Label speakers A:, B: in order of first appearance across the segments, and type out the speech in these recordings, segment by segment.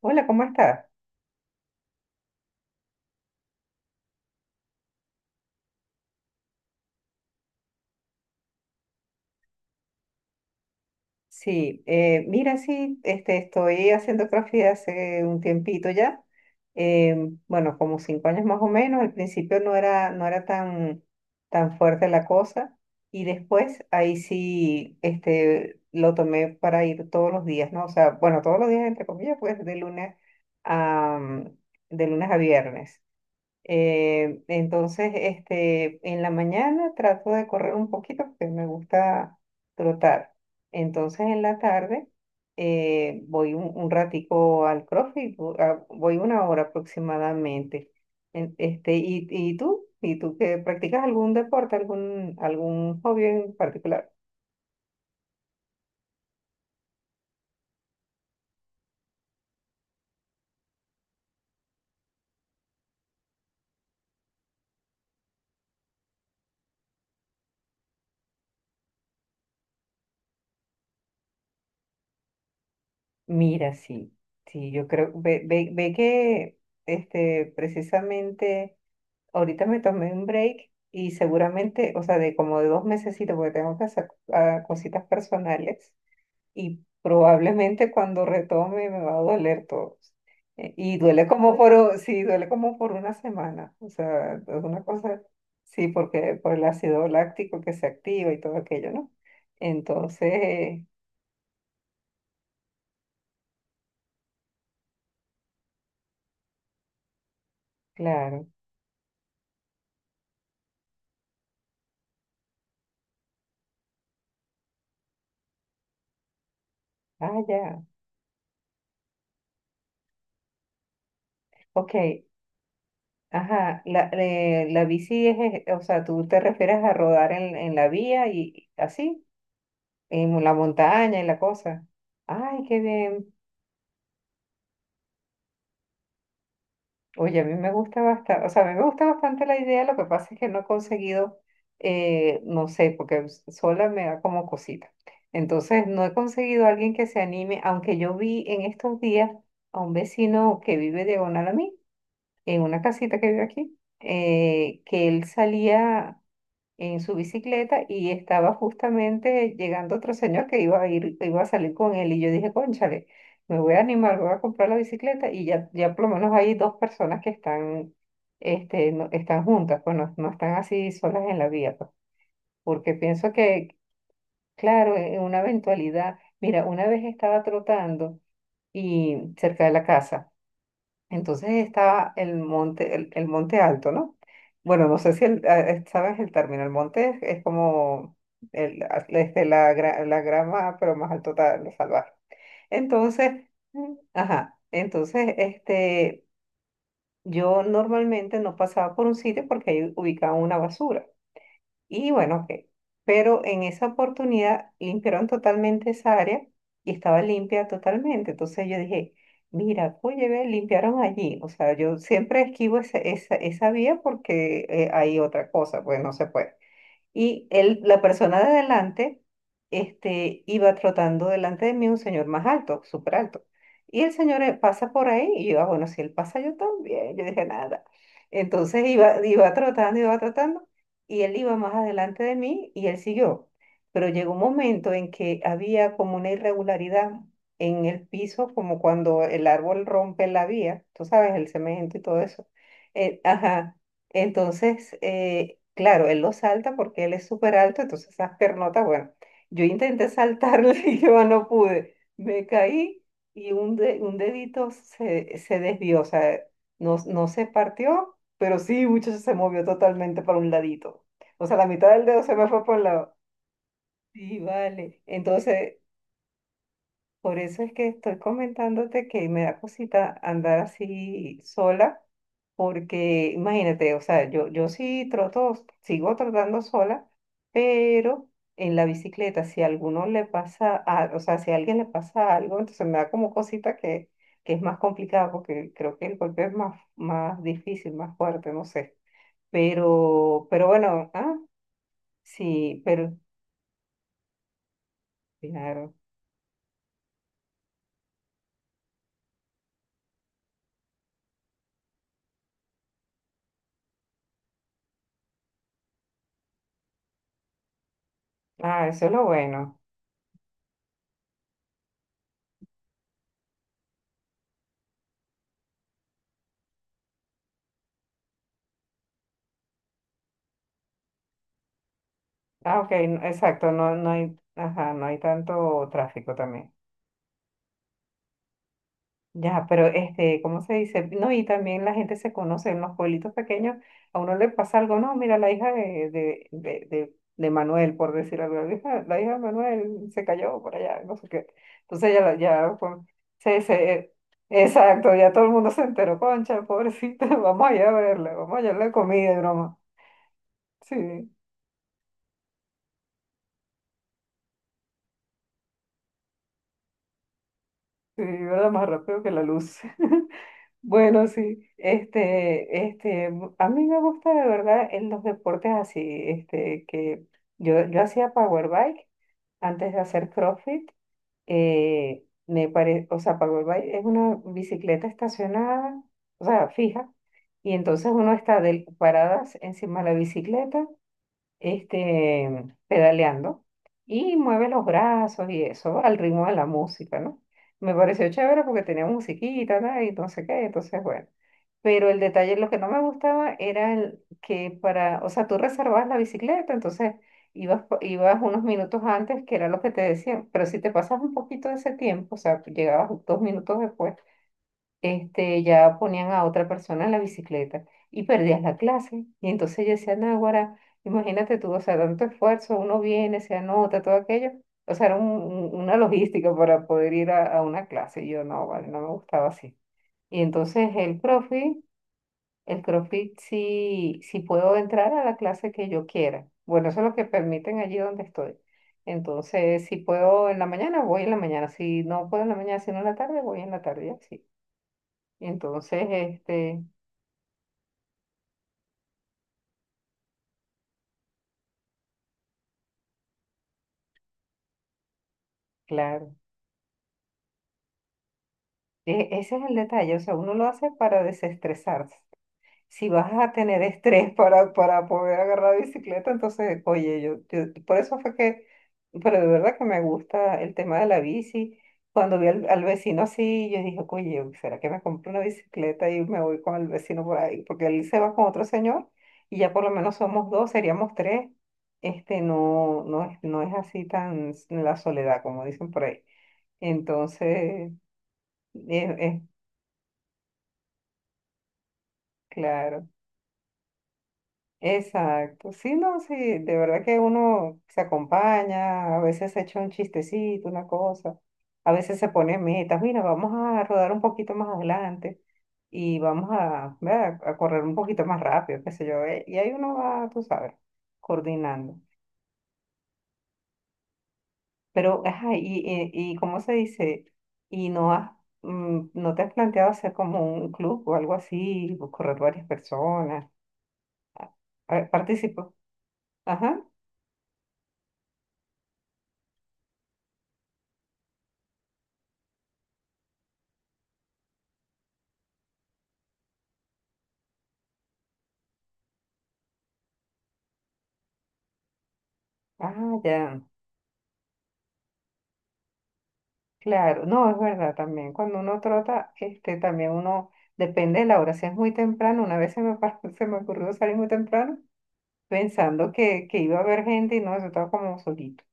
A: Hola, ¿cómo estás? Sí, mira, sí, estoy haciendo CrossFit hace un tiempito ya. Eh, bueno, como cinco años más o menos. Al principio no era tan, tan fuerte la cosa. Y después ahí sí, lo tomé para ir todos los días, ¿no? O sea, bueno, todos los días, entre comillas, pues a, mm, de lunes a viernes. En la mañana trato de correr un poquito porque me gusta trotar. Entonces, en la tarde voy un ratico al CrossFit, voy una hora aproximadamente. Y tú? ¿Y tú que practicas algún deporte, algún hobby en particular? Mira, sí, sí, yo creo, ve que precisamente ahorita me tomé un break y seguramente, o sea, de dos mesecitos, porque tengo que hacer cositas personales y probablemente cuando retome me va a doler todo. Y duele sí, duele como por una semana, o sea, es una cosa, sí, porque por el ácido láctico que se activa y todo aquello, ¿no? Entonces, claro, ah, ya, ok, ajá, la bici es, o sea, tú te refieres a rodar en la vía y así, en la montaña y la cosa. Ay, qué bien. Oye, a mí me gusta bastante, o sea, a mí me gusta bastante la idea, lo que pasa es que no he conseguido, no sé, porque sola me da como cosita. Entonces, no he conseguido a alguien que se anime, aunque yo vi en estos días a un vecino que vive diagonal a mí, en una casita que vive aquí, que él salía en su bicicleta y estaba justamente llegando otro señor que iba a salir con él y yo dije, cónchale, me voy a animar, voy a comprar la bicicleta y ya, ya por lo menos hay dos personas que están, están juntas, pues no, no están así solas en la vía, pues, porque pienso que, claro, en una eventualidad, mira, una vez estaba trotando y cerca de la casa. Entonces estaba el monte, el monte alto, ¿no? Bueno, no sé si el- ah, sabes el término. El monte es como el, ah, este, la, gra- la grama, pero más alto lo salvaje. Entonces, mm, ajá, entonces yo normalmente no pasaba por un sitio porque ahí ubicaba una basura. Y bueno, ok. Pero en esa oportunidad limpiaron totalmente esa área y estaba limpia totalmente. Entonces yo dije, mira, oye, ve, limpiaron allí. O sea, yo siempre esquivo esa vía porque hay otra cosa, pues no se puede. Y él, la persona de adelante, iba trotando delante de mí un señor más alto, súper alto. Y el señor pasa por ahí y yo, ah, bueno, si él pasa yo también, yo dije nada. Entonces iba trotando y él iba más adelante de mí y él siguió. Pero llegó un momento en que había como una irregularidad en el piso, como cuando el árbol rompe la vía, tú sabes, el cemento y todo eso. Ajá. Entonces, claro, él lo salta porque él es súper alto, entonces esas pernotas, bueno, yo intenté saltarle y yo no pude, me caí y un dedito se desvió, o sea, no, no se partió, pero sí, mucho se movió totalmente para un ladito, o sea, la mitad del dedo se me fue por un lado. Sí, vale. Entonces, por eso es que estoy comentándote que me da cosita andar así sola, porque imagínate, o sea, yo sí troto, sigo trotando sola, pero en la bicicleta, si a alguno le pasa, a- o sea, si a alguien le pasa algo, entonces me da como cosita que es más complicado, porque creo que el golpe es más, más difícil, más fuerte, no sé. Pero bueno, ah, sí, pero claro. Ah, eso es lo bueno. Ah, ok, exacto, no, no hay, ajá, no hay tanto tráfico también. Ya, pero ¿cómo se dice? No, y también la gente se conoce en los pueblitos pequeños, a uno le pasa algo, no, mira, la hija de Manuel, por decir algo, la hija de Manuel se cayó por allá, no sé qué. Entonces ya, pues, se, se, exacto, ya todo el mundo se enteró, concha, pobrecita, vamos allá a verla, vamos allá a la comida, y broma. Sí, sí, ¿verdad? Más rápido que la luz. Bueno, sí, a mí me gusta de verdad en los deportes así, este, que yo hacía power bike antes de hacer CrossFit, o sea, power bike es una bicicleta estacionada, o sea, fija, y entonces uno está paradas encima de la bicicleta, pedaleando y mueve los brazos y eso al ritmo de la música, ¿no? Me pareció chévere porque tenía musiquita, ¿no? Y no sé qué, entonces, bueno. Pero el detalle, lo que no me gustaba era el que para, o sea, tú reservabas la bicicleta, entonces ibas unos minutos antes, que era lo que te decían, pero si te pasas un poquito de ese tiempo, o sea, llegabas 2 minutos después, ya ponían a otra persona en la bicicleta y perdías la clase. Y entonces yo decía, Náguara, imagínate tú, o sea, tanto esfuerzo, uno viene, se anota, todo aquello. O sea, era una logística para poder ir a una clase. Y yo no, vale, no me gustaba así. Y entonces el CrossFit sí, sí puedo entrar a la clase que yo quiera. Bueno, eso es lo que permiten allí donde estoy. Entonces, si puedo en la mañana, voy en la mañana. Si no puedo en la mañana, sino en la tarde, voy en la tarde, y así. Entonces, claro, ese es el detalle. O sea, uno lo hace para desestresarse. Si vas a tener estrés para poder agarrar bicicleta, entonces, oye, por eso fue que, pero de verdad que me gusta el tema de la bici. Cuando vi al vecino así, yo dije, oye, ¿será que me compro una bicicleta y me voy con el vecino por ahí? Porque él se va con otro señor y ya por lo menos somos dos, seríamos tres. Este, no, no, no es así tan la soledad, como dicen por ahí. Entonces, es claro. Exacto, sí, no, sí, de verdad que uno se acompaña, a veces se echa un chistecito, una cosa, a veces se pone metas, mira, vamos a rodar un poquito más adelante y vamos a, ¿verdad? A correr un poquito más rápido, qué sé yo, y ahí uno va, tú sabes, coordinando. Pero, ajá, y ¿cómo se dice? ¿Y no has, mm, no te has planteado hacer como un club o algo así, o correr varias personas? A ver, participo. Ajá, ah, ya. Claro, no, es verdad también. Cuando uno trota, también uno depende de la hora. Si es muy temprano, una vez se me ocurrió salir muy temprano pensando que iba a haber gente y no, yo estaba como solito.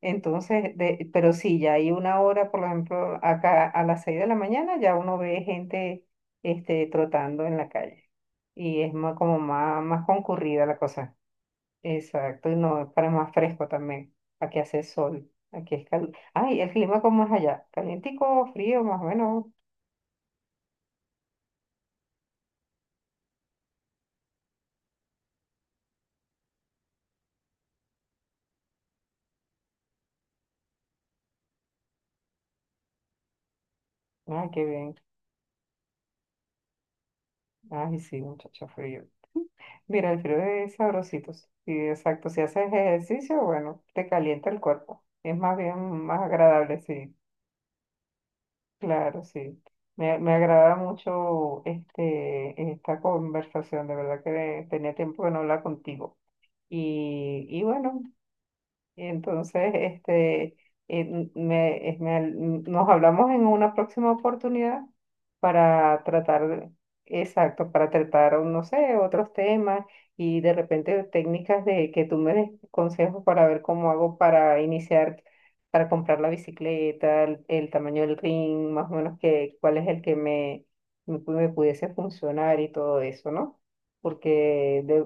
A: Entonces, pero sí, ya hay una hora, por ejemplo, acá a las 6 de la mañana ya uno ve gente trotando en la calle y es más, más concurrida la cosa. Exacto, y no, para más fresco también. Aquí hace sol, aquí es caliente. Ay, el clima cómo es allá, calientico, o frío, más o menos. Ay, qué bien. Ay, sí, muchacho, frío. Mira, el frío es sabrosito. Sí, exacto, si haces ejercicio, bueno, te calienta el cuerpo. Es más bien más agradable, sí. Claro, sí. Me agrada mucho esta conversación, de verdad que tenía tiempo de no hablar contigo. Y bueno, y entonces, nos hablamos en una próxima oportunidad para tratar, exacto, para tratar, no sé, otros temas y de repente técnicas de que tú me des consejos para ver cómo hago para iniciar, para comprar la bicicleta, el tamaño del ring, más o menos que, cuál es el que me pudiese funcionar y todo eso, ¿no? Porque de,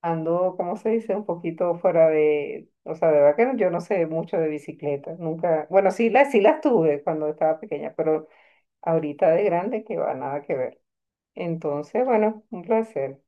A: ando, ¿cómo se dice? Un poquito fuera de, o sea, de verdad que yo no sé mucho de bicicletas, nunca, bueno, sí las tuve cuando estaba pequeña, pero ahorita de grande que va, nada que ver. Entonces, bueno, un placer.